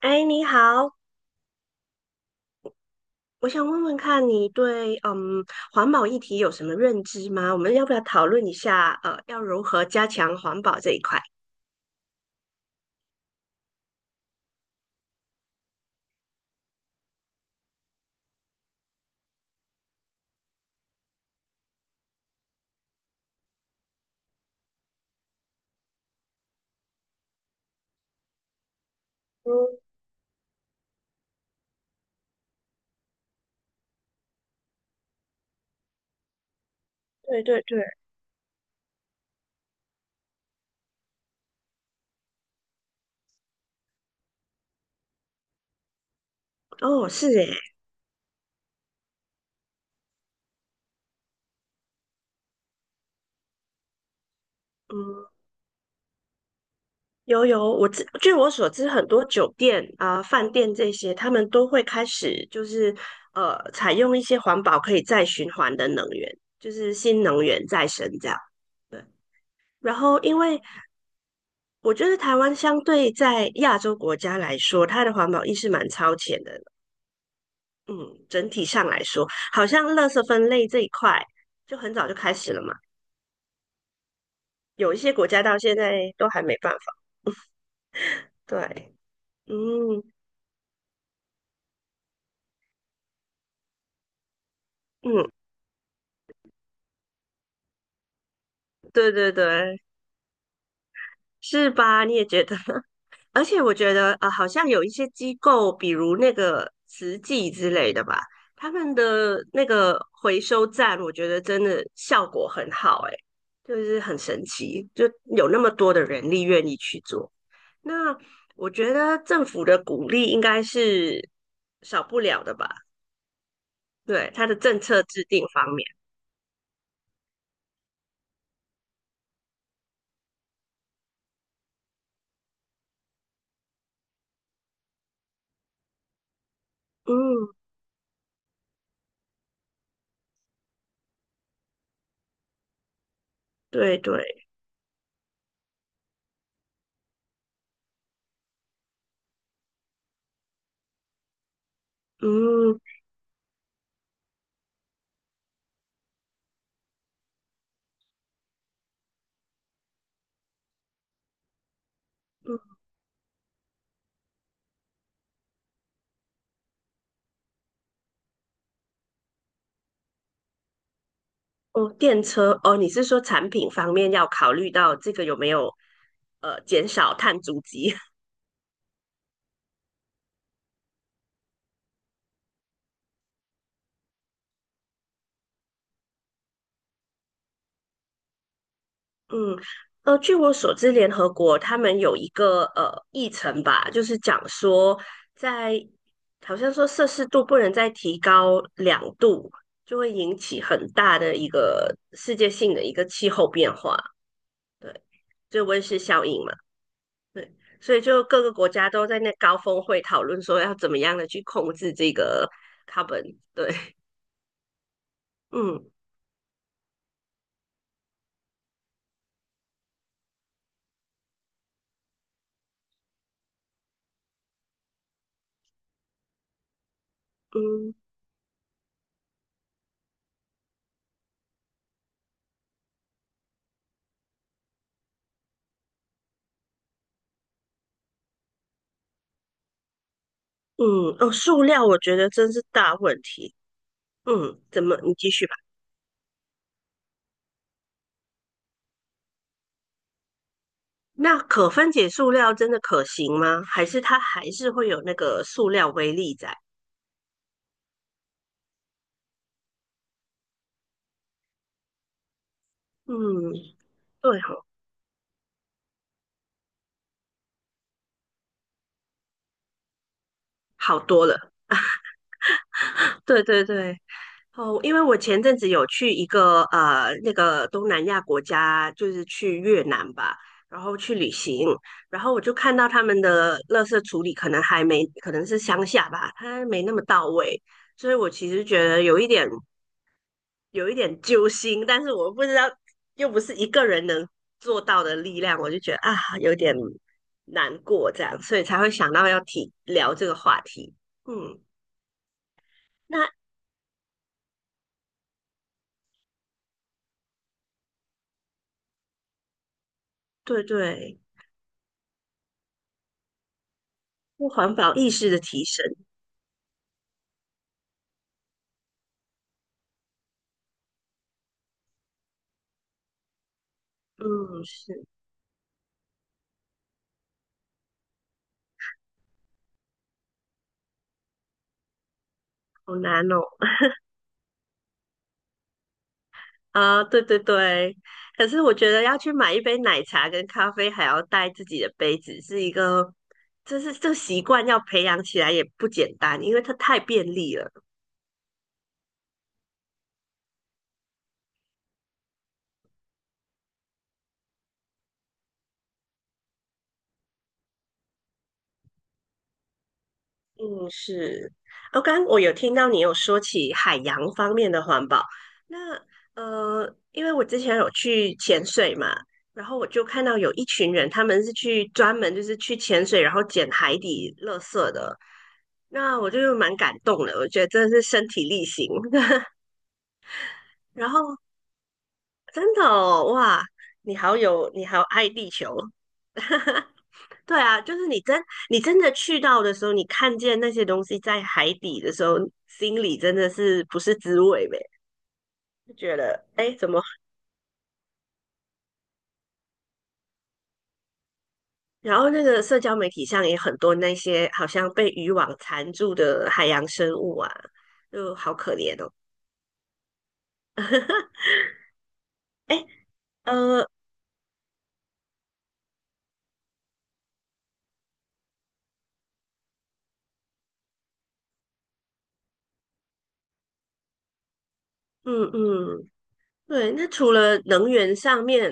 哎，你好，我想问问看你对环保议题有什么认知吗？我们要不要讨论一下要如何加强环保这一块？嗯，对对对，哦，是诶，嗯，有，据我所知，很多酒店啊、饭店这些，他们都会开始采用一些环保可以再循环的能源，就是新能源再生这样。对。然后因为我觉得台湾相对在亚洲国家来说，它的环保意识蛮超前的。嗯，整体上来说，好像垃圾分类这一块就很早就开始了嘛。有一些国家到现在都还没办法。对，嗯嗯，对对对。是吧？你也觉得？而且我觉得，好像有一些机构，比如那个慈济之类的吧，他们的那个回收站，我觉得真的效果很好、欸，诶，就是很神奇，就有那么多的人力愿意去做。那我觉得政府的鼓励应该是少不了的吧？对，对对，政策制定方面，嗯，嗯。嗯哦，电车哦，你是说产品方面要考虑到这个有没有减少碳足迹？嗯，据我所知，联合国他们有一个议程吧，就是讲说在好像说摄氏度不能再提高两度，就会引起很大的一个世界性的一个气候变化，对，就温室效应嘛，对，所以就各个国家都在那高峰会讨论说要怎么样的去控制这个 carbon，对。嗯嗯嗯，哦，塑料我觉得真是大问题。嗯，怎么？你继续吧。那可分解塑料真的可行吗？还是它还是会有那个塑料微粒在？嗯，对哦，好多了。对对对。哦，因为我前阵子有去一个那个东南亚国家，就是去越南吧，然后去旅行，然后我就看到他们的垃圾处理可能还没，可能是乡下吧，它没那么到位，所以我其实觉得有一点揪心，但是我不知道又不是一个人能做到的力量，我就觉得啊有点难过这样，所以才会想到要提聊这个话题。嗯，那对对，就环保意识的提升。嗯，是，好难哦。啊，对对对，可是我觉得要去买一杯奶茶跟咖啡，还要带自己的杯子，是一个，就是这个习惯要培养起来也不简单，因为它太便利了。嗯，是。哦，刚刚我有听到你有说起海洋方面的环保，那因为我之前有去潜水嘛，然后我就看到有一群人，他们是去专门就是去潜水，然后捡海底垃圾的，那我就蛮感动的，我觉得真的是身体力行。然后真的哦，哇，你好爱地球。对啊，你真的去到的时候，你看见那些东西在海底的时候，心里真的是不是滋味呗？就觉得哎，诶怎么？然后那个社交媒体上也很多那些好像被渔网缠住的海洋生物啊，就好可怜哦。哎，呃，嗯嗯，对。那除了能源上面，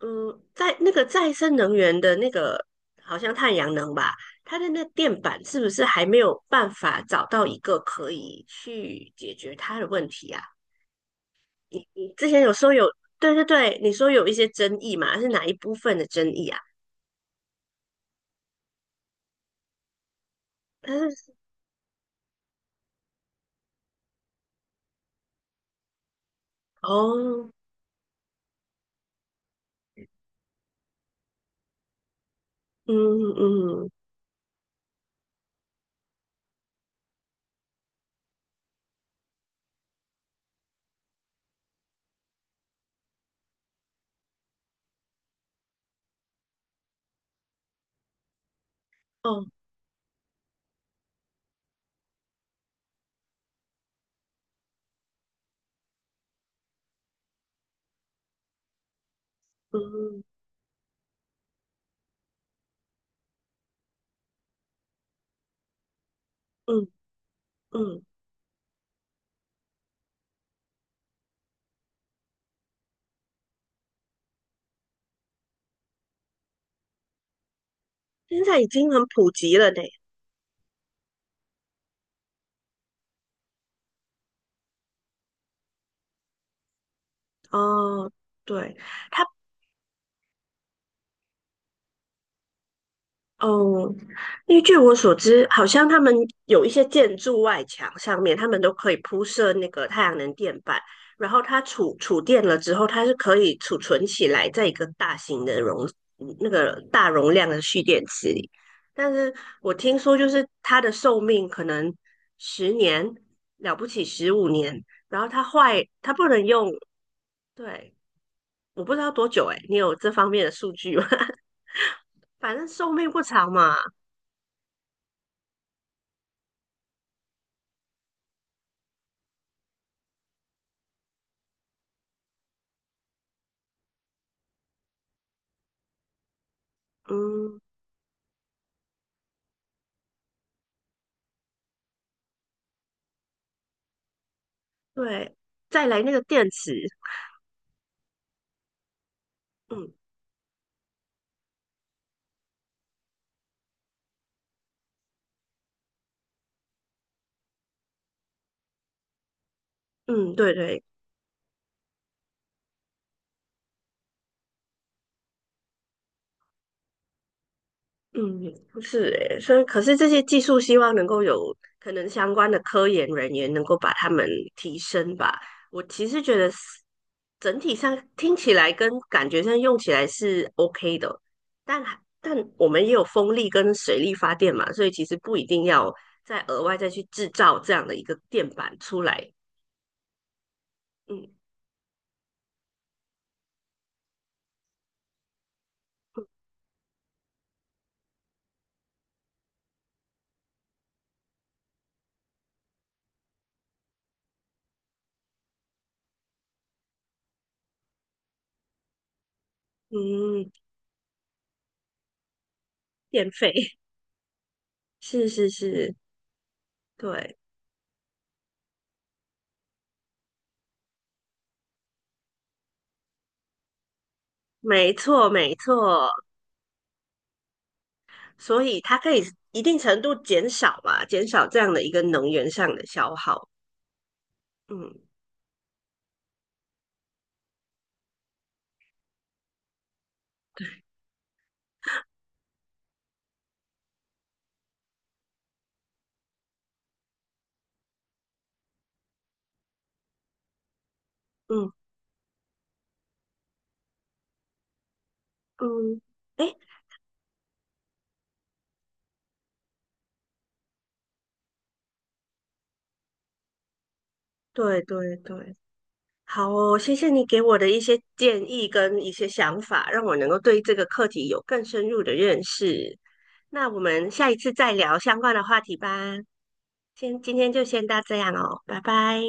嗯，在那个再生能源的那个，好像太阳能吧，它的那电板是不是还没有办法找到一个可以去解决它的问题啊？你之前有说有，对对对，你说有一些争议嘛，是哪一部分的争议啊？但是哦，嗯嗯哦嗯嗯嗯，现在已经很普及了呢。哦，对，哦，因为据我所知，好像他们有一些建筑外墙上面，他们都可以铺设那个太阳能电板，然后它储电了之后，它是可以储存起来，在一个大型的容嗯那个大容量的蓄电池里。但是我听说，就是它的寿命可能10年，了不起15年，然后它不能用。对，我不知道多久诶，你有这方面的数据吗？反正寿命不长嘛。嗯，对，再来那个电池，嗯嗯，对对，嗯，不是诶，所以可是这些技术希望能够有可能相关的科研人员能够把他们提升吧。我其实觉得是整体上听起来跟感觉上用起来是 OK 的，但我们也有风力跟水力发电嘛，所以其实不一定要再额外去制造这样的一个电板出来。嗯嗯，嗯电费 是是是，对。没错，没错，所以它可以一定程度减少吧，减少这样的一个能源上的消耗。嗯嗯嗯，哎，对对对，好哦，谢谢你给我的一些建议跟一些想法，让我能够对这个课题有更深入的认识。那我们下一次再聊相关的话题吧。先今天就先到这样哦，拜拜。